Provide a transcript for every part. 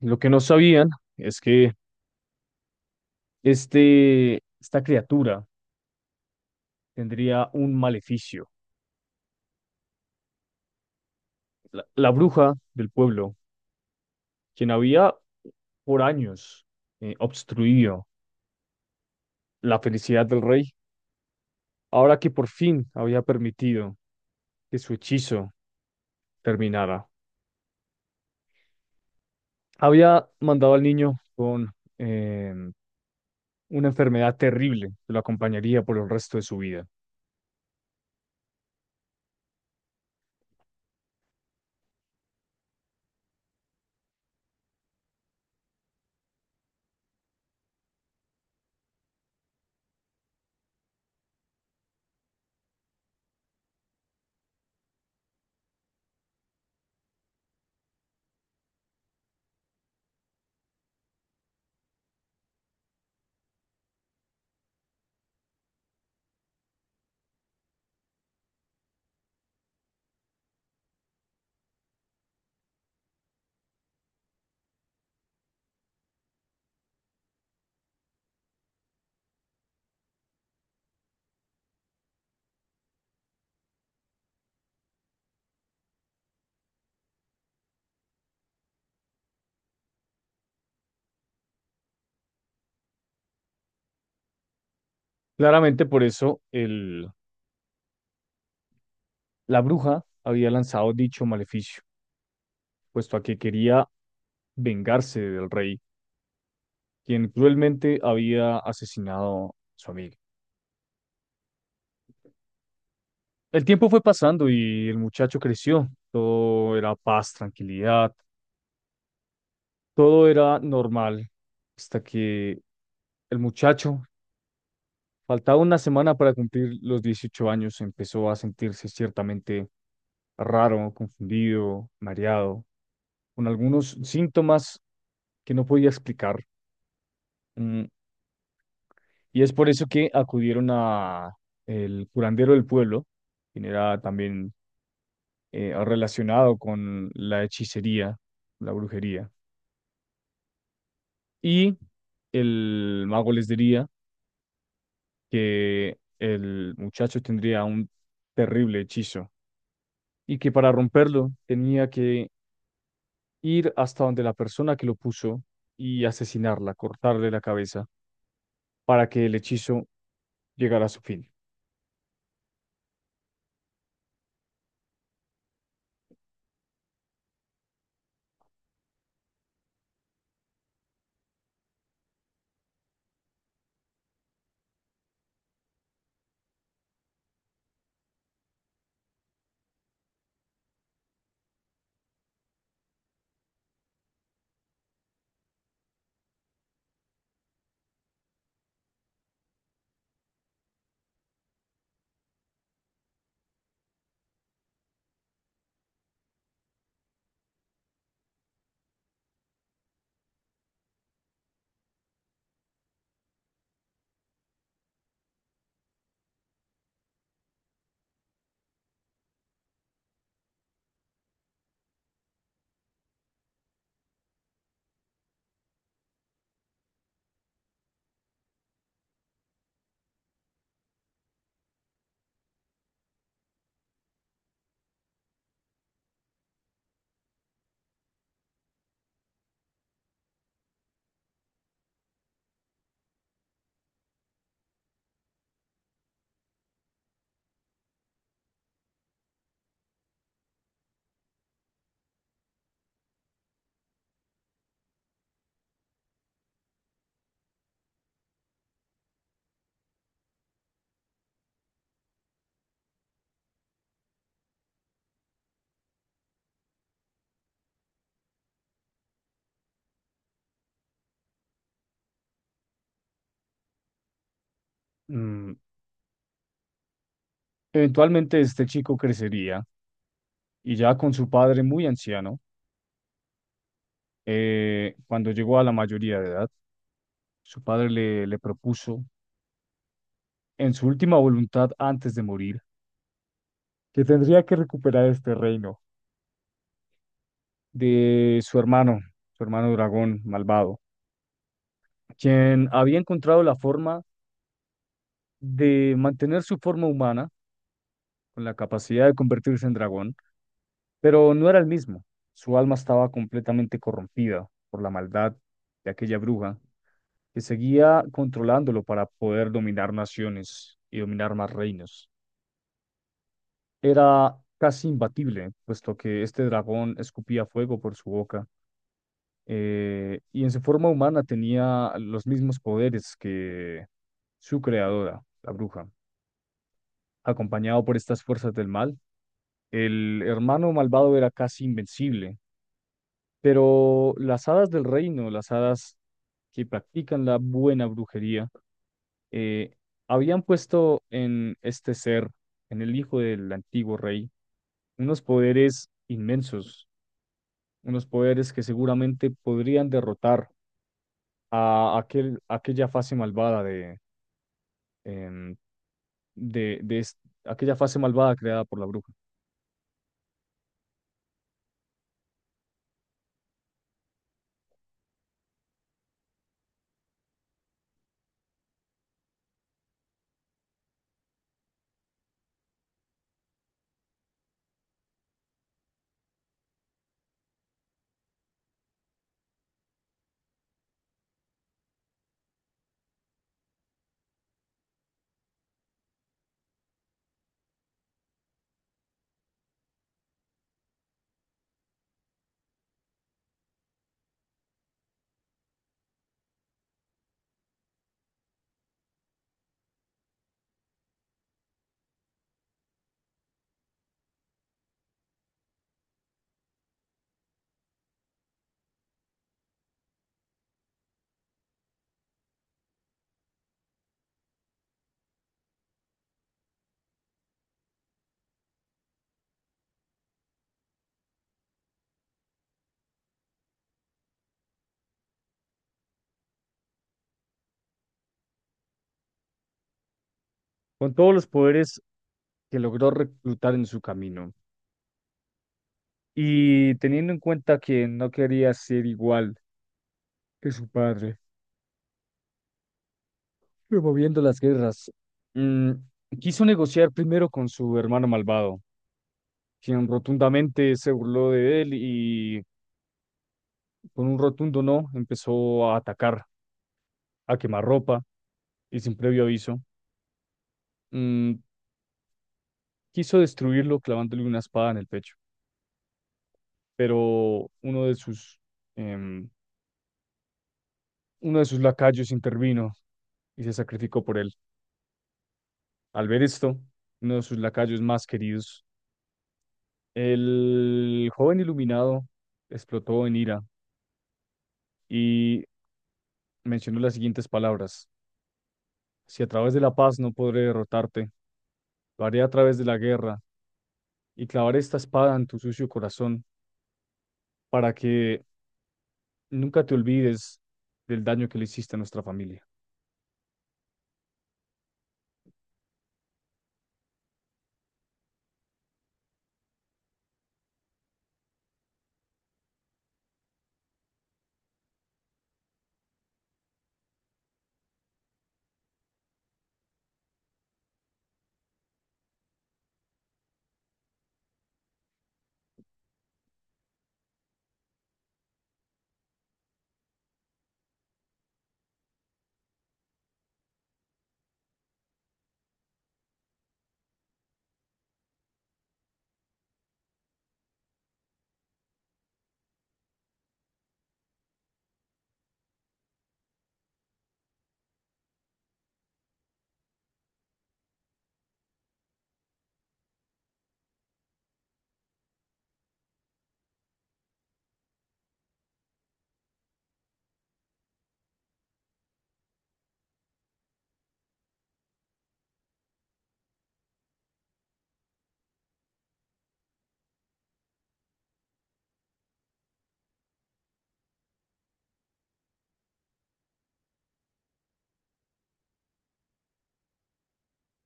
Lo que no sabían es que esta criatura tendría un maleficio. La bruja del pueblo, quien había por años obstruido la felicidad del rey, ahora que por fin había permitido que su hechizo terminara, había mandado al niño con eh, una enfermedad terrible que lo acompañaría por el resto de su vida. Claramente por eso la bruja había lanzado dicho maleficio puesto a que quería vengarse del rey, quien cruelmente había asesinado a su amigo. El tiempo fue pasando y el muchacho creció. Todo era paz, tranquilidad, todo era normal, hasta que el muchacho, faltaba una semana para cumplir los 18 años, empezó a sentirse ciertamente raro, confundido, mareado, con algunos síntomas que no podía explicar. Mm, Y es por eso que acudieron a el curandero del pueblo, quien era también relacionado con la hechicería, la brujería. Y el mago les diría que el muchacho tendría un terrible hechizo y que para romperlo tenía que ir hasta donde la persona que lo puso y asesinarla, cortarle la cabeza para que el hechizo llegara a su fin. Mm, Eventualmente este chico crecería y ya con su padre muy anciano, cuando llegó a la mayoría de edad, su padre le propuso, en su última voluntad antes de morir, que tendría que recuperar este reino de su hermano dragón malvado, quien había encontrado la forma de mantener su forma humana con la capacidad de convertirse en dragón. Pero no era el mismo. Su alma estaba completamente corrompida por la maldad de aquella bruja que seguía controlándolo para poder dominar naciones y dominar más reinos. Era casi imbatible, puesto que este dragón escupía fuego por su boca, y en su forma humana tenía los mismos poderes que su creadora, la bruja. Acompañado por estas fuerzas del mal, el hermano malvado era casi invencible, pero las hadas del reino, las hadas que practican la buena brujería, eh, habían puesto en este ser, en el hijo del antiguo rey, unos poderes inmensos, unos poderes que seguramente podrían derrotar a aquella fase malvada de, em, de es- aquella fase malvada creada por la bruja, con todos los poderes que logró reclutar en su camino. Y teniendo en cuenta que no quería ser igual que su padre, promoviendo las guerras. Mm, Quiso negociar primero con su hermano malvado, quien rotundamente se burló de él y con un rotundo no empezó a atacar, a quemar ropa y sin previo aviso. mm, Quiso destruirlo clavándole una espada en el pecho, pero uno de em, uno de sus lacayos intervino y se sacrificó por él. Al ver esto, uno de sus lacayos más queridos, el joven iluminado explotó en ira y mencionó las siguientes palabras. Si a través de la paz no podré derrotarte, lo haré a través de la guerra y clavaré esta espada en tu sucio corazón para que nunca te olvides del daño que le hiciste a nuestra familia.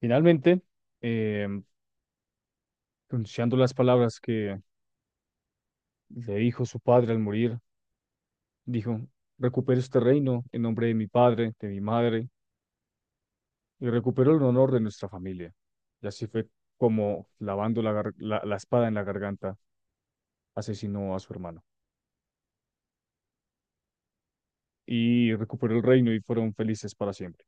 Finalmente, eh, pronunciando las palabras que le dijo su padre al morir, dijo, recupero este reino en nombre de mi padre, de mi madre, y recupero el honor de nuestra familia. Y así fue como lavando la espada en la garganta asesinó a su hermano y recuperó el reino y fueron felices para siempre.